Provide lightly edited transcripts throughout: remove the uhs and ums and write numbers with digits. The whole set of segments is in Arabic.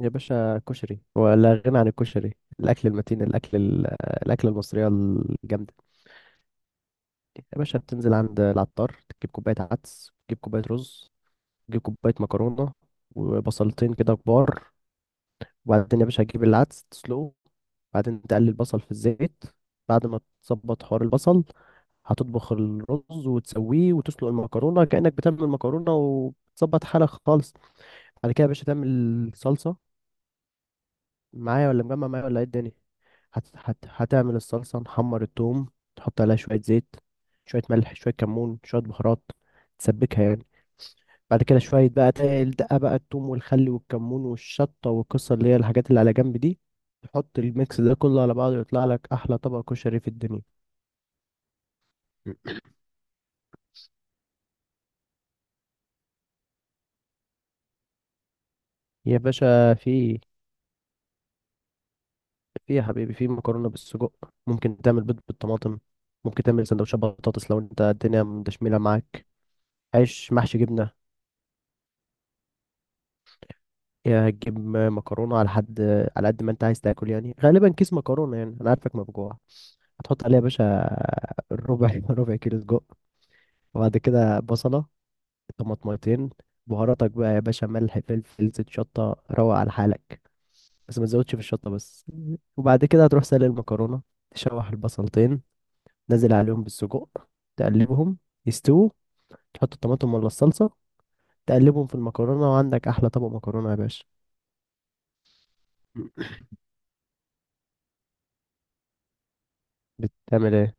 يا باشا كشري ولا غنى عن الكشري. الاكل المتين، الاكله المصريه الجامده دي. يا باشا بتنزل عند العطار، تجيب كوبايه عدس، تجيب كوبايه رز، تجيب كوبايه مكرونه، وبصلتين كده كبار. وبعدين يا باشا تجيب العدس تسلقه، وبعدين تقلي البصل في الزيت. بعد ما تظبط حوار البصل، هتطبخ الرز وتسويه، وتسلق المكرونه كأنك بتعمل المكرونه وتظبط حالك خالص. بعد كده يا باشا تعمل صلصه. معايا ولا مجمع؟ معايا ولا ايه الدنيا؟ هتعمل الصلصة، نحمر التوم، تحط عليها شوية زيت، شوية ملح، شوية كمون، شوية بهارات، تسبكها يعني. بعد كده شوية بقى الدقة بقى، التوم والخل والكمون والشطة والقصة، اللي هي الحاجات اللي على جنب دي. تحط الميكس ده كله على بعضه، يطلع لك أحلى طبق كشري في الدنيا. يا باشا في، يا حبيبي في مكرونة بالسجق، ممكن تعمل بيض بالطماطم، ممكن تعمل سندوتشات بطاطس لو انت الدنيا مدشملة معاك. عيش محشي جبنة. يا هتجيب مكرونة على حد، على قد ما انت عايز تاكل، يعني غالبا كيس مكرونة، يعني انا عارفك ما بجوع. هتحط عليها يا باشا ربع ربع كيلو سجق، وبعد كده بصلة، طماطميتين، بهاراتك بقى يا باشا، ملح، فلفل، زيت، شطة، روق على حالك، بس ما تزودش في الشطة بس. وبعد كده هتروح سلق المكرونة، تشوح البصلتين، نزل عليهم بالسجق، تقلبهم، يستووا، تحط الطماطم ولا الصلصة، تقلبهم في المكرونة، وعندك أحلى طبق مكرونة يا باشا. بتعمل ايه؟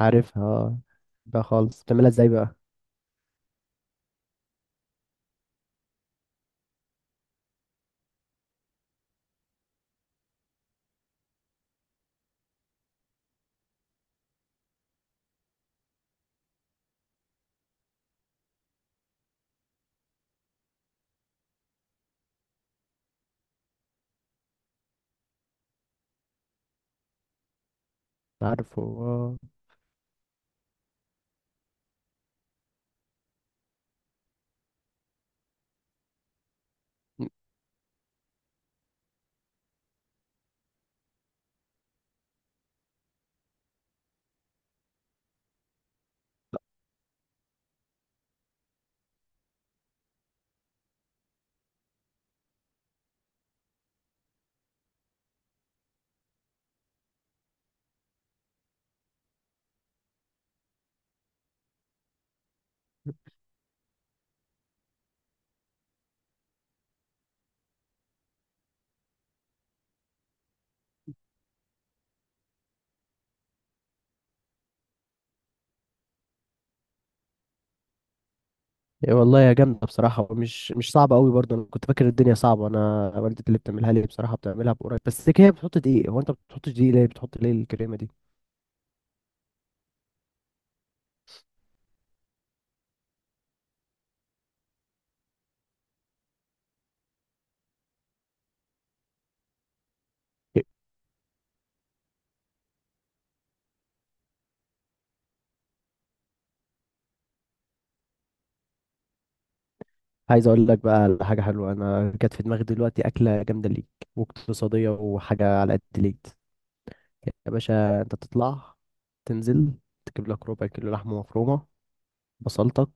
عارفها، اه. بقى خالص، بتعملها ازاي بقى؟ عارفه اه. يا والله يا جامدة بصراحة، ومش مش صعبة قوي برضه. أنا كنت فاكر الدنيا صعبة. أنا والدتي اللي بتعملها لي بصراحة، بتعملها بقريب، بس هي بتحط دقيق. هو أنت ما بتحطش دقيق ليه؟ بتحط ليه الكريمة دي؟ عايز أقول لك بقى على حاجة حلوة، أنا جت في دماغي دلوقتي أكلة جامدة ليك، واقتصادية، وحاجة على قد ليك. يا باشا، أنت تطلع تنزل تجيب لك ربع كيلو لحمة مفرومة، بصلتك،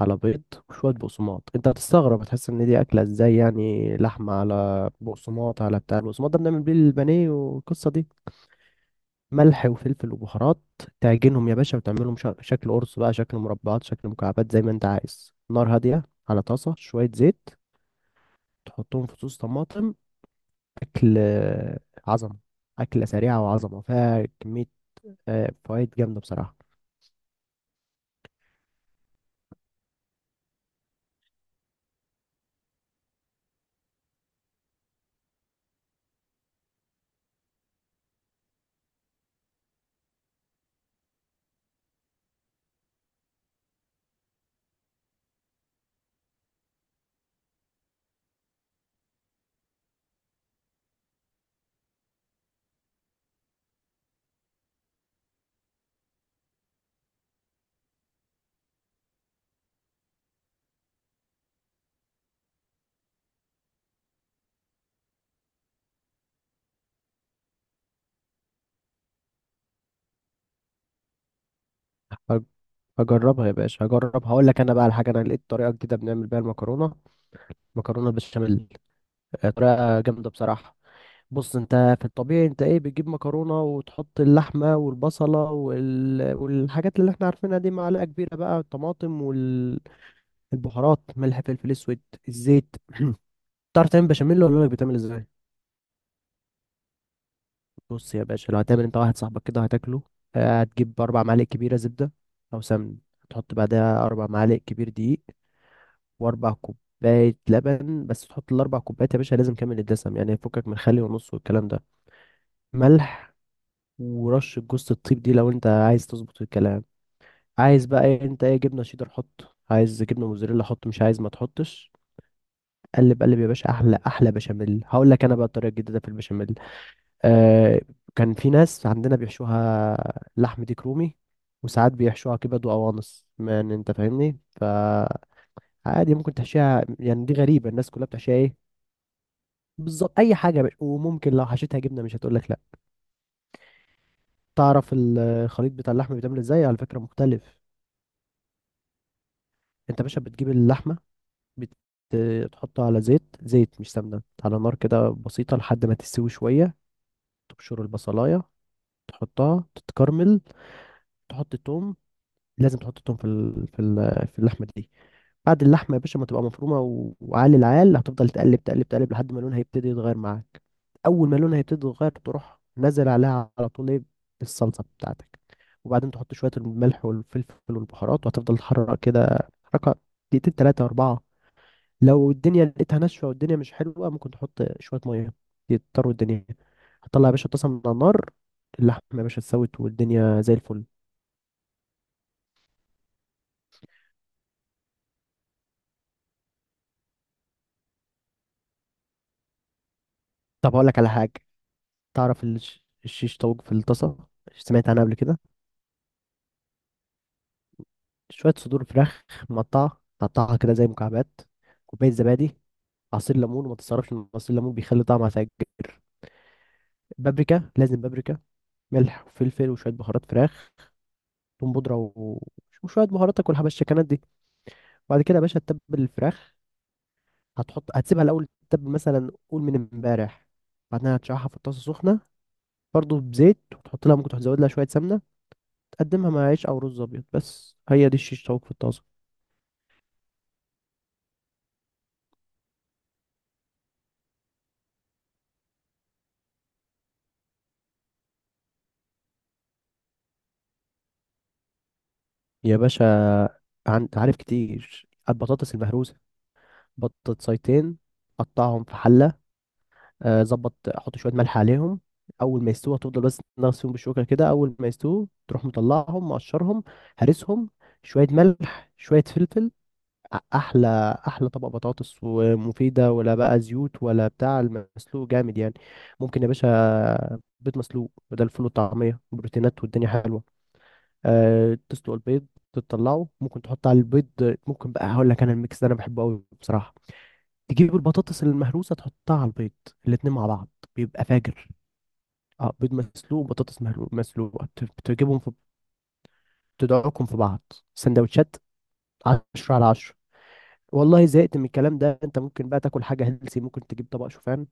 على بيض، وشوية بقسماط. انت هتستغرب، هتحس ان دي اكلة ازاي؟ يعني لحمة على بقسماط، على بتاع البقسماط ده بنعمل بيه البانيه والقصة دي. ملح وفلفل وبهارات، تعجنهم يا باشا، وتعملهم شكل قرص بقى، شكل مربعات، شكل مكعبات، زي ما انت عايز. نار هادية، على طاسة شوية زيت، تحطهم في صوص طماطم. اكل، آه، عظمة. أكلة سريعة وعظمة، فيها كمية، آه، فوائد جامدة بصراحة. هج- هجربها يا باشا، هجرب، هقول لك. انا بقى الحاجة، انا لقيت طريقة جديدة بنعمل بيها المكرونة، مكرونة بالبشاميل. هي طريقة جامدة بصراحة. بص، انت في الطبيعي انت ايه، بتجيب مكرونة وتحط اللحمة والبصلة والحاجات اللي احنا عارفينها دي، معلقة كبيرة بقى الطماطم والبهارات، ملح، فلفل اسود، الزيت. تعرف تعمل بشاميل ولا لك؟ بتعمل ازاي؟ بص يا باشا، لو هتعمل انت واحد صاحبك كده هتاكله، اه، هتجيب اربع معالق كبيرة زبدة او سمن، تحط بعدها اربع معالق كبير دقيق، واربع كوباية لبن. بس تحط الاربع كوبايات يا باشا لازم كامل الدسم، يعني فكك من خلي ونص والكلام ده. ملح، ورشة جوزة الطيب دي لو انت عايز تظبط الكلام. عايز بقى ايه انت؟ ايه، جبنة شيدر حط، عايز جبنة موزاريلا حط، مش عايز ما تحطش. قلب قلب يا باشا، احلى احلى بشاميل. هقول لك انا بقى الطريقة الجديدة في البشاميل. آه، كان في ناس عندنا بيحشوها لحم ديك رومي، وساعات بيحشوها كبد وقوانص، يعني انت فاهمني. ف عادي ممكن تحشيها، يعني دي غريبة، الناس كلها بتحشيها ايه؟ بالظبط، اي حاجة يا باشا. وممكن لو حشيتها جبنة مش هتقول لك لا. تعرف الخليط بتاع اللحم بيتعمل ازاي؟ على فكرة مختلف. انت يا باشا بتجيب اللحمه، بتحطها على زيت، زيت مش سمنه، على نار كده بسيطه لحد ما تستوي شويه. تبشر البصلايه، تحطها تتكرمل، تحط توم، لازم تحط توم في في اللحمه دي. بعد اللحمه يا باشا ما تبقى مفرومه وعالي العال، هتفضل تقلب تقلب تقلب لحد ما لونها يبتدي يتغير معاك. اول ما لونها يبتدي يتغير، تروح نزل عليها على طول ايه؟ الصلصه بتاعتك. وبعدين تحط شويه الملح والفلفل والبهارات، وهتفضل تحرك كده حركه دقيقتين تلاتة أربعة. لو الدنيا لقيتها ناشفه والدنيا مش حلوه، ممكن تحط شويه ميه يضطروا الدنيا. هتطلع يا باشا الطاسه من على النار، اللحمه يا باشا اتسوت والدنيا زي الفل. طب هقول لك على حاجه. تعرف الشيش طاووق في الطاسه؟ سمعت عنها قبل كده؟ شويه صدور فراخ مقطعه، تقطعها كده زي مكعبات، كوبايه زبادي، عصير ليمون، وما تتصرفش ان عصير الليمون بيخلي طعمها فاجر. بابريكا، لازم بابريكا، ملح وفلفل وشويه بهارات فراخ، ثوم بودره وشويه بهاراتك والحبشتكنات دي. وبعد كده يا باشا تتبل الفراخ. هتسيبها الاول تتبل، مثلا قول من امبارح. بعدها هتشرحها في الطاسه سخنه، برضه بزيت، وتحط لها ممكن تزود لها شويه سمنه. تقدمها مع عيش او رز ابيض. بس هي دي الشيش طاووق في الطاسه. يا باشا، عارف كتير البطاطس المهروسه؟ بطاطسيتين، قطعهم في حله، آه، ظبط، احط شويه ملح عليهم. اول ما يستووا هتفضل بس تغسل فيهم بالشوكه كده، اول ما يستووا تروح مطلعهم، مقشرهم، هرسهم، شويه ملح، شويه فلفل، احلى احلى طبق بطاطس، ومفيده، ولا بقى زيوت ولا بتاع، المسلوق جامد يعني. ممكن يا باشا بيض مسلوق بدل الفول والطعميه، بروتينات والدنيا حلوه. أه، تسلق البيض، تطلعه، ممكن تحط على البيض، ممكن بقى، هقول لك انا الميكس ده انا بحبه قوي بصراحه. تجيب البطاطس المهروسه، تحطها على البيض، الاتنين مع بعض، بيبقى فاجر. اه، بيض مسلوق وبطاطس مسلوقه، تجيبهم في، تدعوكم في بعض، سندوتشات، 10 على 10. والله زهقت من الكلام ده. انت ممكن بقى تاكل حاجه هيلسي، ممكن تجيب طبق شوفان.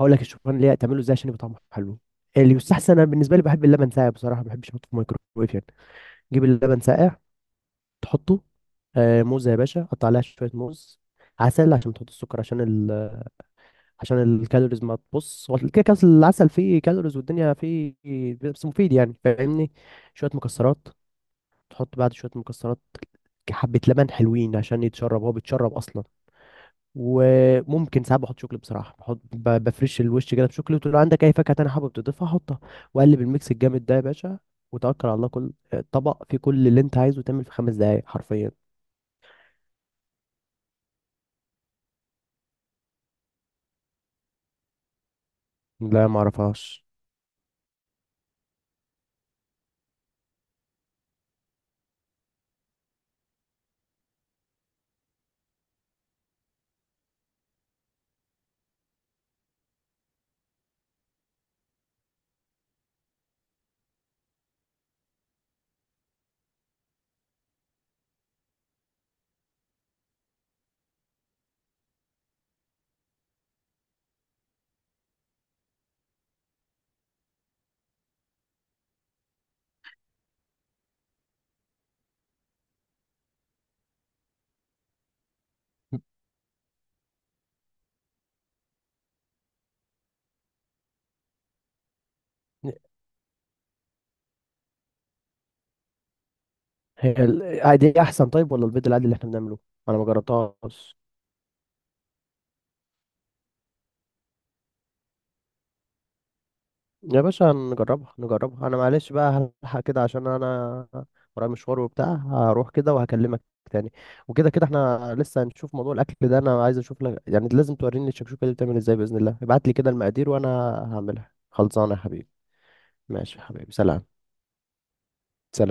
هقول لك الشوفان ليه، تعمله ازاي عشان يبقى طعمه حلو. اللي يستحسن، انا بالنسبه لي بحب اللبن ساقع بصراحه، ما بحبش احطه في الميكروويف يعني. جيب اللبن ساقع، تحطه، آه موزه يا باشا، قطع عليها شويه موز، عسل عشان تحط السكر عشان عشان الكالوريز. ما تبص، هو كده كده العسل فيه كالوريز والدنيا فيه، بس مفيد يعني، فاهمني. شويه مكسرات، تحط بعد شويه مكسرات، حبه لبن حلوين عشان يتشرب، هو بيتشرب اصلا. وممكن ساعات بحط شوكليت بصراحه، بحط بفرش الوش كده بشوكليت، ولو عندك اي فاكهه تانية حابب تضيفها حطها، واقلب الميكس الجامد ده يا باشا، وتوكل على الله. كل طبق فيه كل اللي انت عايزه، تعمل في خمس دقايق حرفيا. لا، ما اعرفهاش. هي آه، دي احسن طيب ولا البيض العادي اللي احنا بنعمله؟ انا ما جربتهاش. يا باشا نجربها نجربها. انا معلش بقى هلحق كده، عشان انا ورايا مشوار وبتاع، هروح كده وهكلمك تاني. وكده كده احنا لسه هنشوف موضوع الاكل ده، انا عايز اشوف لك، يعني لازم توريني الشكشوكه دي بتعمل ازاي باذن الله. ابعت لي كده المقادير وانا هعملها. خلصانه يا حبيبي. ماشي يا حبيبي، سلام. سلام.